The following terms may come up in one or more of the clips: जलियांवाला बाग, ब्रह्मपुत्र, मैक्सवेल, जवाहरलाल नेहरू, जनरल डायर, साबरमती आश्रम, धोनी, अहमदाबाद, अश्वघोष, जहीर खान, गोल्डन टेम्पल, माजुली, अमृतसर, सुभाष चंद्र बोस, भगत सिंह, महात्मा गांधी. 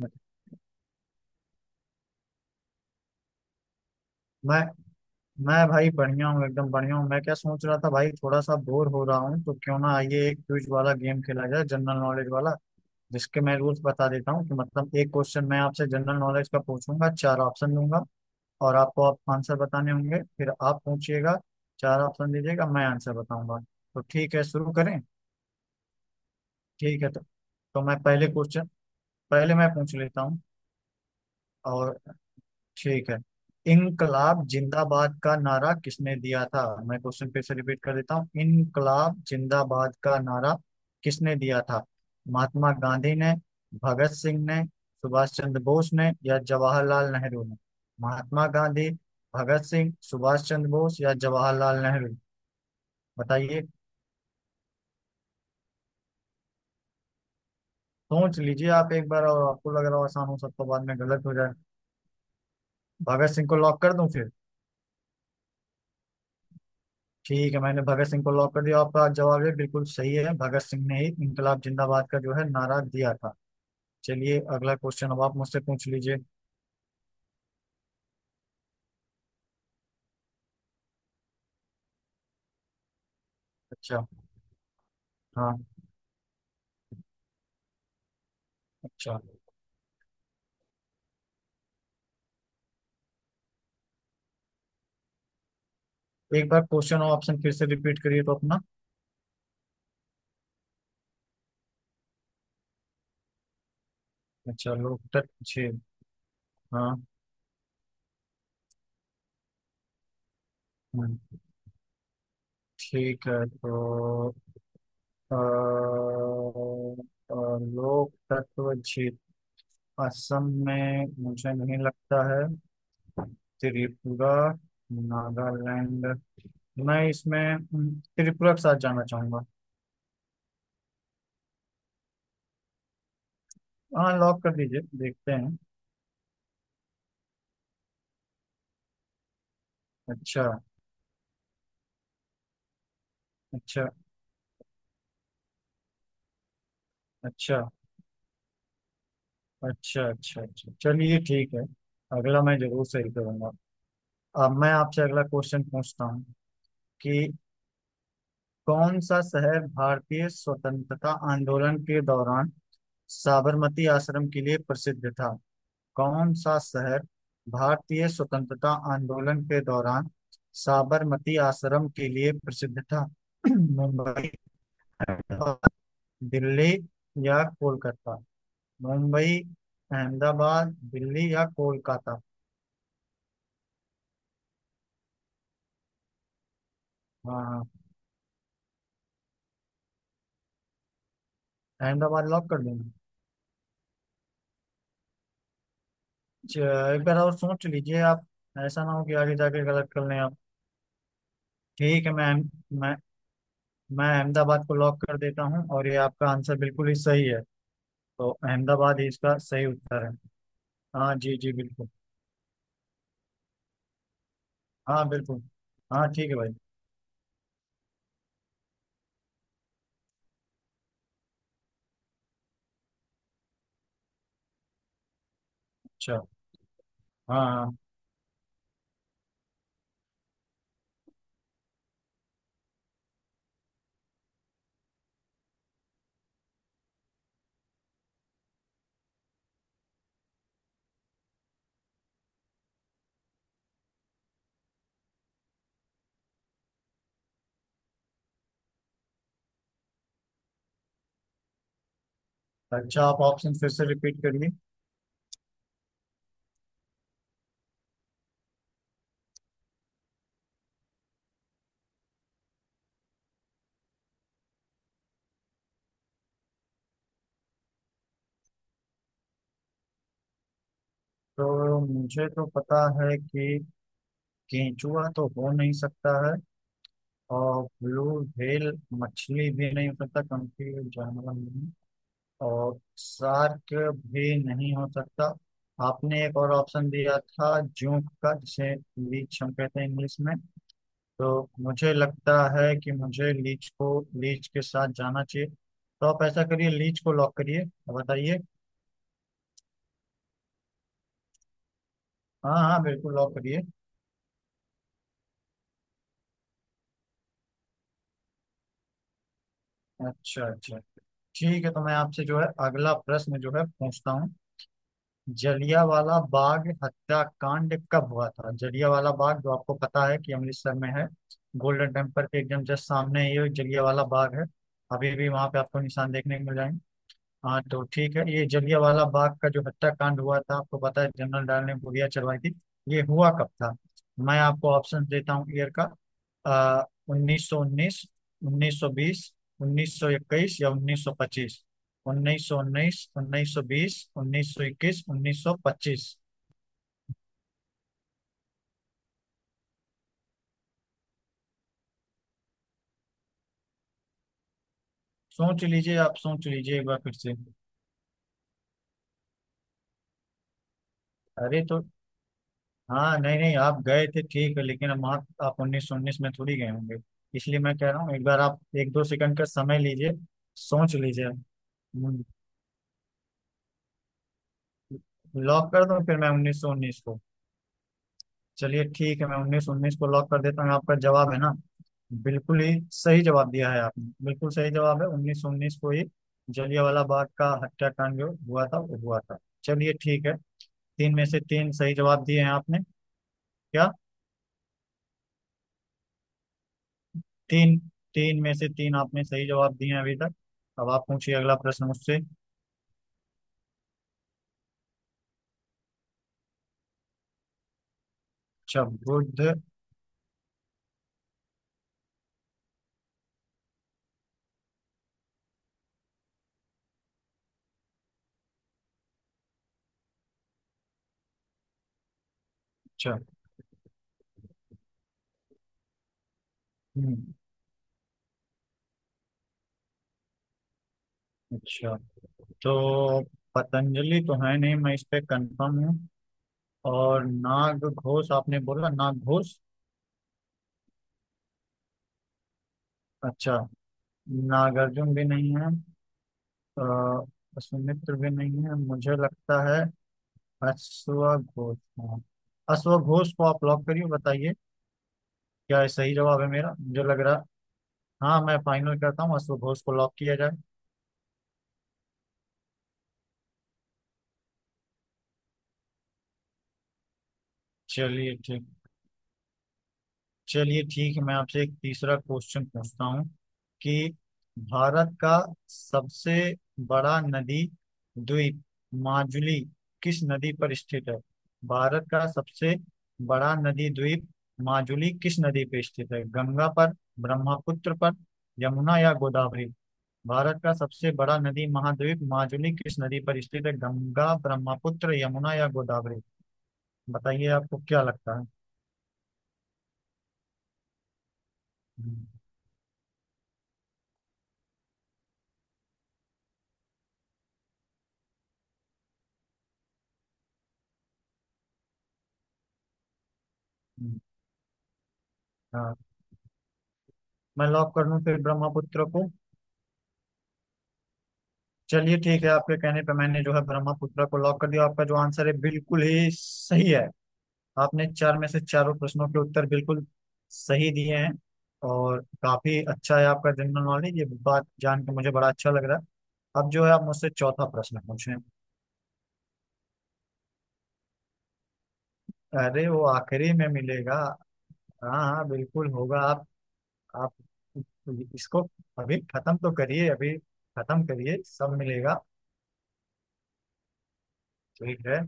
मैं मैं भाई बढ़िया हूँ, एकदम बढ़िया हूँ। मैं क्या सोच रहा था भाई, थोड़ा सा बोर हो रहा हूँ, तो क्यों ना आइए एक क्विज वाला गेम खेला जाए, जनरल नॉलेज वाला, जिसके मैं रूल्स बता देता हूँ कि मतलब एक क्वेश्चन मैं आपसे जनरल नॉलेज का पूछूंगा, चार ऑप्शन दूंगा और आपको आप आंसर बताने होंगे। फिर आप पूछिएगा, चार ऑप्शन दीजिएगा, मैं आंसर बताऊंगा। तो ठीक है, शुरू करें? ठीक है। तो मैं पहले क्वेश्चन पहले मैं पूछ लेता हूँ। और ठीक है, इनकलाब जिंदाबाद का नारा किसने दिया था? मैं क्वेश्चन फिर से रिपीट कर देता हूँ। इनकलाब जिंदाबाद का नारा किसने दिया था? महात्मा गांधी ने, भगत सिंह ने, सुभाष चंद्र बोस ने या जवाहरलाल नेहरू ने? महात्मा गांधी, भगत सिंह, सुभाष चंद्र बोस या जवाहरलाल नेहरू? बताइए। सोच लीजिए आप एक बार और, आपको लग रहा हो आसान हो सकता, बाद में गलत हो जाए। भगत सिंह को लॉक कर दूं फिर? ठीक है, मैंने भगत सिंह को लॉक कर दिया, आपका जवाब ये बिल्कुल सही है। भगत सिंह ने ही इंकलाब जिंदाबाद का जो है नारा दिया था। चलिए, अगला क्वेश्चन अब आप मुझसे पूछ लीजिए। अच्छा। हाँ। अच्छा, एक बार क्वेश्चन और ऑप्शन फिर से रिपीट करिए तो अपना। अच्छा, लोग उत्तर पूछिए। हाँ। हम्म, ठीक है तो अ, अ, लोक तत्व झील असम में मुझे नहीं लगता है। त्रिपुरा, नागालैंड। मैं इसमें त्रिपुरा के साथ जाना चाहूंगा। हाँ, लॉक कर दीजिए, देखते हैं। अच्छा अच्छा अच्छा अच्छा अच्छा अच्छा, चलिए ठीक है। अगला मैं जरूर सही करूंगा। अब मैं आपसे अगला क्वेश्चन पूछता हूँ कि कौन सा शहर भारतीय स्वतंत्रता आंदोलन के दौरान साबरमती आश्रम के लिए प्रसिद्ध था? कौन सा शहर भारतीय स्वतंत्रता आंदोलन के दौरान साबरमती आश्रम के लिए प्रसिद्ध था? मुंबई, दिल्ली या कोलकाता? मुंबई, अहमदाबाद, दिल्ली या कोलकाता? हाँ हाँ। अहमदाबाद लॉक कर देना? च- एक बार और सोच लीजिए आप। ऐसा ना हो कि आगे जाके गलत कर लें आप। ठीक है, मैं मैं अहमदाबाद को लॉक कर देता हूँ और ये आपका आंसर बिल्कुल ही सही है। तो अहमदाबाद ही इसका सही उत्तर है। हाँ जी जी, बिल्कुल। हाँ, बिल्कुल। हाँ ठीक है भाई। अच्छा। हाँ हाँ। अच्छा, आप ऑप्शन फिर से रिपीट करिए। तो मुझे तो पता है कि केंचुआ तो हो नहीं सकता है। और ब्लू व्हेल मछली भी नहीं हो सकता क्योंकि ये जानवर नहीं। और शार्क भी नहीं हो सकता। आपने एक और ऑप्शन दिया था जूक का, जिसे लीच हम कहते हैं इंग्लिश में। तो मुझे लगता है कि मुझे लीच को लीच के साथ जाना चाहिए, तो आप ऐसा करिए, लीच को लॉक करिए। बताइए। हाँ हाँ, बिल्कुल लॉक करिए। अच्छा अच्छा। ठीक है, तो मैं आपसे जो है अगला प्रश्न जो है पूछता हूँ। जलियांवाला बाग हत्याकांड कब हुआ था? जलियांवाला बाग जो आपको पता है कि अमृतसर में है। गोल्डन टेम्पल के एकदम जस्ट सामने ही जलियांवाला बाग है। अभी भी वहां पे आपको निशान देखने को मिल जाएंगे। हाँ, तो ठीक है, ये जलियांवाला बाग का जो हत्याकांड हुआ था, आपको पता है जनरल डायर ने गोलियां चलवाई थी। ये हुआ कब था? मैं आपको ऑप्शन देता हूँ ईयर का। आ, 1919, 1920, 1921 या 1925? 1919, 1920, 1921, 1925। सोच लीजिए आप, सोच लीजिए एक बार फिर से। अरे तो हाँ, नहीं नहीं, आप गए थे ठीक है, लेकिन आप उन्नीस सौ उन्नीस में थोड़ी गए होंगे। इसलिए मैं कह रहा हूँ, एक बार आप एक दो सेकंड का समय लीजिए। सोच लीजिए। हम्म, लॉक कर दूं फिर मैं उन्नीस सौ उन्नीस को? चलिए ठीक है, मैं उन्नीस सौ उन्नीस को लॉक कर देता हूँ, आपका जवाब है ना, बिल्कुल ही सही जवाब दिया है आपने। बिल्कुल सही जवाब है, उन्नीस सौ उन्नीस को ही जलियांवाला बाग का हत्याकांड जो हुआ था वो हुआ था। चलिए ठीक है। तीन में से तीन सही जवाब दिए हैं आपने। क्या? तीन, तीन में से तीन आपने सही जवाब दिए हैं अभी तक। अब आप पूछिए अगला प्रश्न मुझसे। अच्छा, बुद्ध। अच्छा। हम्म, अच्छा, तो पतंजलि तो है नहीं, मैं इस पे कंफर्म हूँ। और नाग घोष, आपने बोला नाग घोष। अच्छा, नागार्जुन भी नहीं है। सुमित्र भी नहीं है मुझे लगता है। अश्वघोष, हाँ, अश्वघोष को आप लॉक करिए, बताइए। क्या ये सही जवाब है मेरा, मुझे लग रहा? हाँ, मैं फाइनल करता हूँ, अश्वघोष को लॉक किया जाए। चलिए ठीक। चलिए ठीक है, मैं आपसे एक तीसरा क्वेश्चन पूछता हूँ कि भारत का सबसे बड़ा नदी द्वीप माजुली किस नदी पर स्थित है? भारत का सबसे बड़ा नदी द्वीप माजुली किस नदी पर स्थित है? गंगा पर, ब्रह्मपुत्र पर, यमुना या गोदावरी? भारत का सबसे बड़ा नदी महाद्वीप माजुली किस नदी पर स्थित है? गंगा, ब्रह्मपुत्र, यमुना या गोदावरी? बताइए, आपको क्या लगता है? हम्म, हम्म, हाँ, मैं लॉक कर दूं फिर ब्रह्मपुत्र को? चलिए ठीक है, आपके कहने पे मैंने जो है ब्रह्मपुत्र को लॉक कर दिया, आपका जो आंसर है बिल्कुल ही सही है। आपने चार में से चारों प्रश्नों के उत्तर बिल्कुल सही दिए हैं, और काफी अच्छा है आपका जनरल नॉलेज, ये बात जान के मुझे बड़ा अच्छा लग रहा है। अब जो है आप मुझसे चौथा प्रश्न पूछें। अरे, वो आखिरी में मिलेगा। हाँ हाँ, बिल्कुल होगा। आप इसको अभी खत्म तो करिए, अभी खत्म करिए, सब मिलेगा। ठीक है।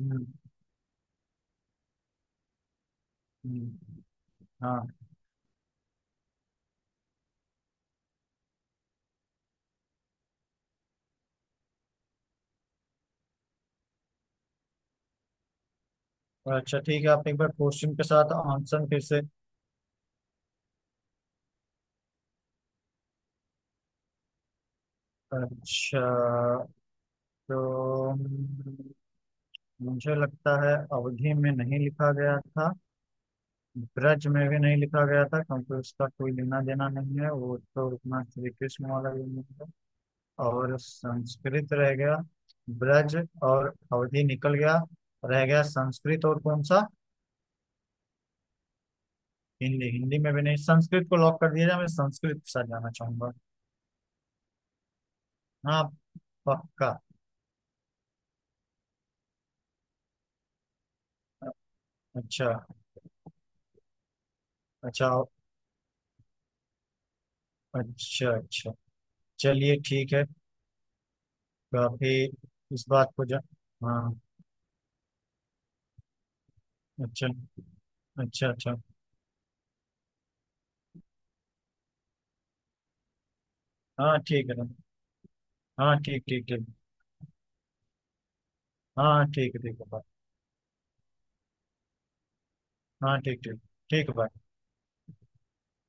हम्म, हम्म, हाँ। अच्छा ठीक है, आप एक बार क्वेश्चन के साथ आंसर फिर से। अच्छा, तो मुझे लगता है अवधि में नहीं लिखा गया था। ब्रज में भी नहीं लिखा गया था क्योंकि उसका कोई लेना देना नहीं है, वो तो अपना श्री कृष्ण वाला भी नहीं है। और संस्कृत रह गया, ब्रज और अवधि निकल गया। रह गया संस्कृत और कौन सा? हिंदी। हिंदी में भी नहीं, संस्कृत को लॉक कर दिया जाए, मैं संस्कृत के साथ जाना चाहूंगा। हाँ, पक्का। अच्छा अच्छा अच्छा अच्छा, चलिए ठीक है। काफी इस बात को जा। हाँ। अच्छा अच्छा अच्छा। हाँ, ठीक है ना। हाँ, ठीक ठीक ठीक। हाँ, ठीक है ठीक है, बाय। हाँ, ठीक ठीक। ठीक है, bye।